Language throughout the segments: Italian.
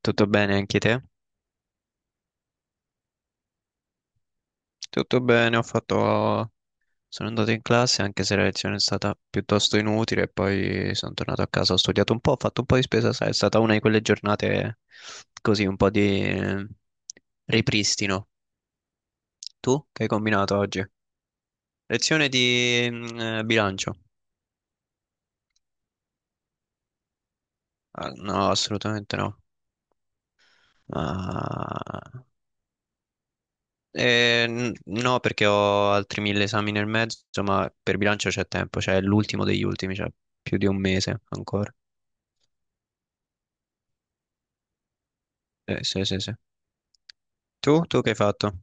Tutto bene, anche te? Tutto bene. Sono andato in classe anche se la lezione è stata piuttosto inutile, e poi sono tornato a casa, ho studiato un po', ho fatto un po' di spesa, sai, è stata una di quelle giornate così, un po' di ripristino. Tu che hai combinato oggi? Lezione di bilancio? Ah, no, assolutamente no. Ah, eh, no, perché ho altri mille esami nel mezzo, ma per bilancio c'è tempo, cioè è l'ultimo degli ultimi, cioè più di un mese ancora. Sì, sì, sì. Tu? Tu che hai fatto?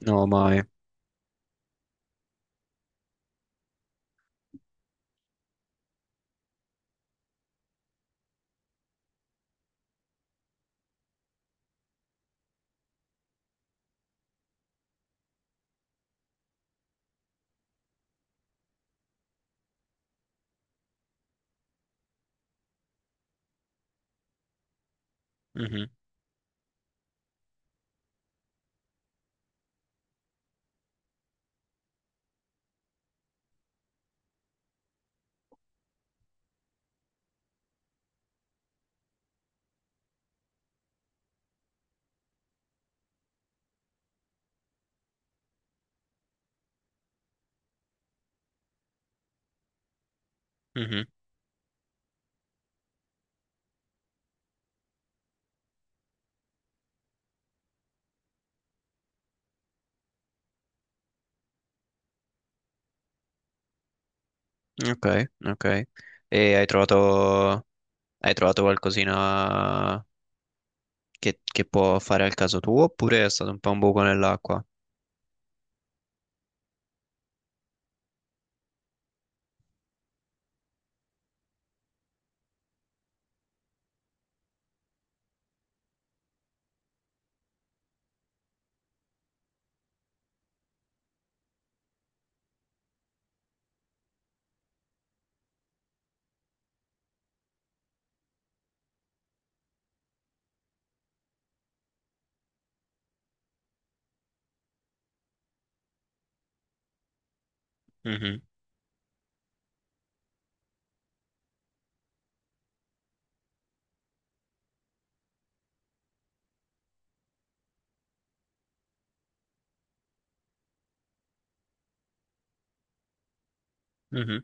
No, mai. Mhm, mhm. Ok, ok. E hai trovato qualcosina che può fare al caso tuo, oppure è stato un po' un buco nell'acqua? Mhm, mhm,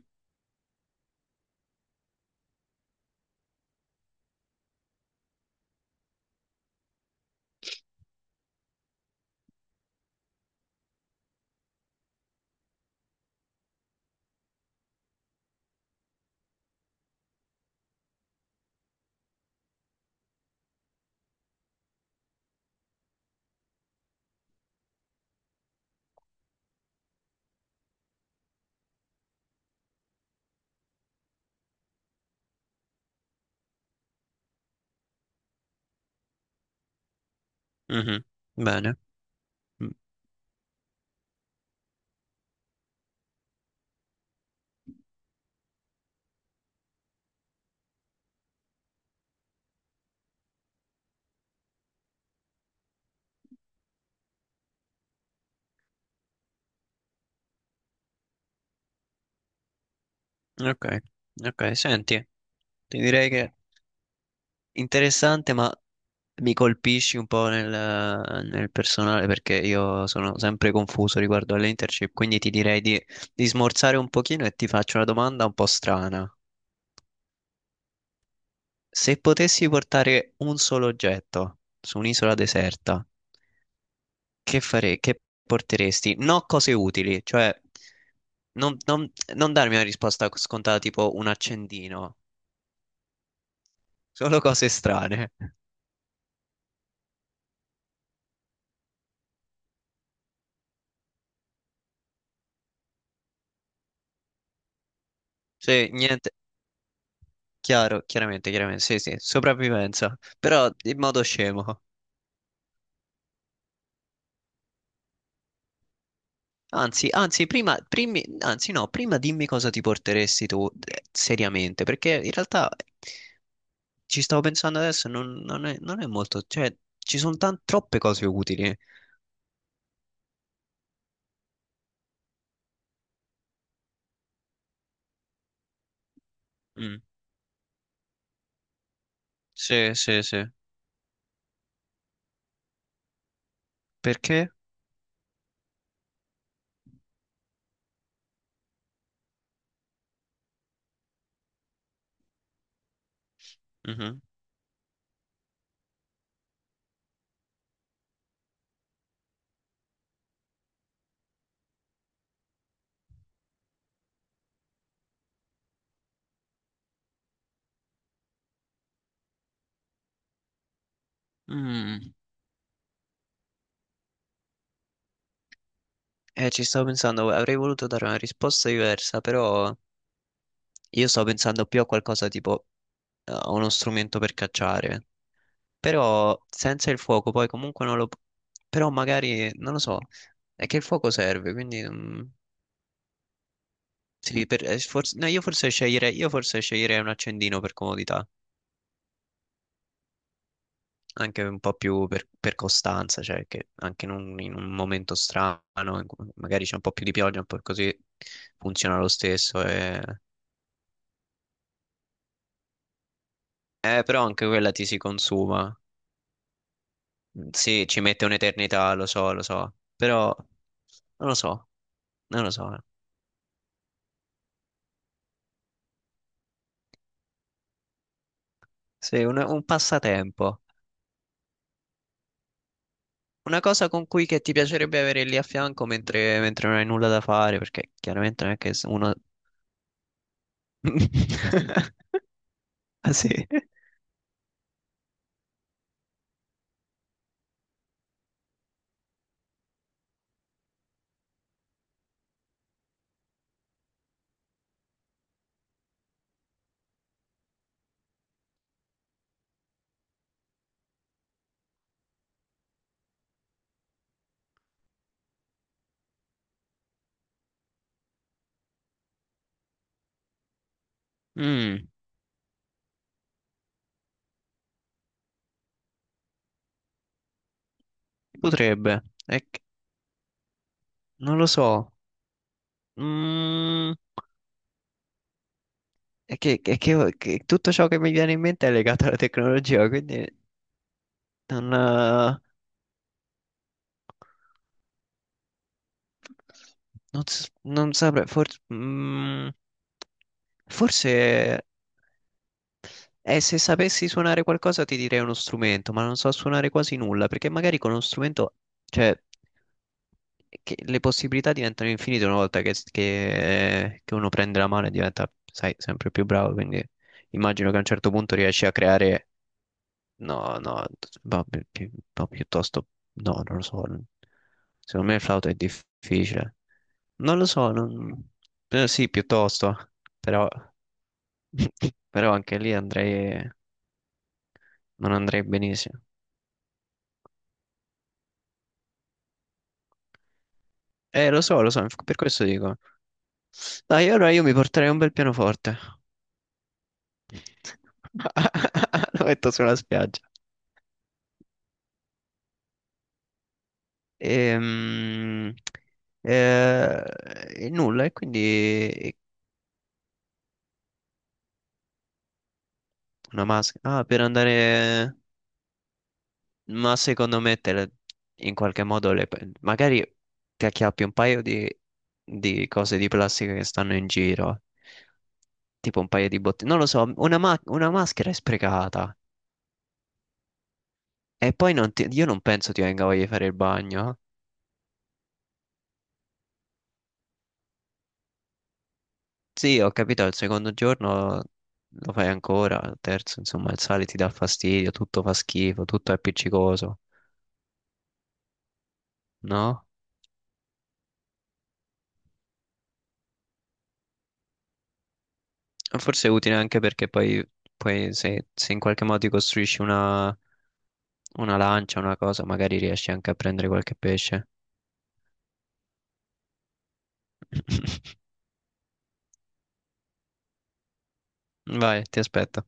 mhm. Bene. Mm, Ok, ok. Senti, ti direi che interessante, ma mi colpisci un po' nel personale perché io sono sempre confuso riguardo alle internship, quindi ti direi di smorzare un pochino e ti faccio una domanda un po' strana. Se potessi portare un solo oggetto su un'isola deserta, che porteresti? No, cose utili, cioè non darmi una risposta scontata tipo un accendino, solo cose strane. Cioè, niente, chiaro, chiaramente, sì, sì, sopravvivenza, però in modo scemo. Anzi, prima, anzi, no, prima dimmi cosa ti porteresti tu, seriamente, perché in realtà ci stavo pensando adesso, non è molto, cioè ci sono troppe cose utili. Mm. Sì, sì, sì. Perché? Mhm. Mm, eh, ci stavo pensando, avrei voluto dare una risposta diversa, però io stavo pensando più a qualcosa tipo a uno strumento per cacciare. Però senza il fuoco poi comunque non lo Però magari, non lo so, è che il fuoco serve, quindi sì, no, io forse sceglierei, un accendino per comodità, anche un po' più per costanza, cioè che anche in un momento strano, in cui magari c'è un po' più di pioggia, un po' così, funziona lo stesso. Però anche quella ti si consuma. Sì, ci mette un'eternità, lo so, però non lo so, non lo so. Sì, un passatempo. Una cosa con cui che ti piacerebbe avere lì a fianco mentre non hai nulla da fare, perché chiaramente non è che se uno... Ah sì? Mm, potrebbe, non lo so. Mm, che tutto ciò che mi viene in mente è legato alla tecnologia, quindi non, eh, non saprei, forse, forse. E se sapessi suonare qualcosa ti direi uno strumento, ma non so suonare quasi nulla, perché magari con uno strumento, cioè, che le possibilità diventano infinite una volta che uno prende la mano e diventa, sai, sempre più bravo, quindi immagino che a un certo punto riesci a creare, no, no, ma piuttosto, no, non lo so, secondo me il flauto è difficile, non lo so, sì, piuttosto, però, però anche lì andrei, non andrei benissimo. Lo so, per questo dico. Dai, allora io mi porterei un bel pianoforte. Lo metto sulla spiaggia. Ehm, eh, E, nulla, e quindi una maschera. Ah, per andare... Ma secondo me in qualche modo le, magari ti acchiappi un paio di cose di plastica che stanno in giro, tipo un paio di bottiglie. Non lo so, una, una maschera è sprecata. E poi non ti- io non penso ti venga voglia di fare il bagno, eh. Sì, ho capito, al secondo giorno lo fai ancora, al terzo, insomma, il sale ti dà fastidio, tutto fa schifo, tutto è appiccicoso, no? Forse è utile anche perché poi, poi se in qualche modo ti costruisci una lancia, una cosa, magari riesci anche a prendere qualche pesce. Vai, ti aspetto.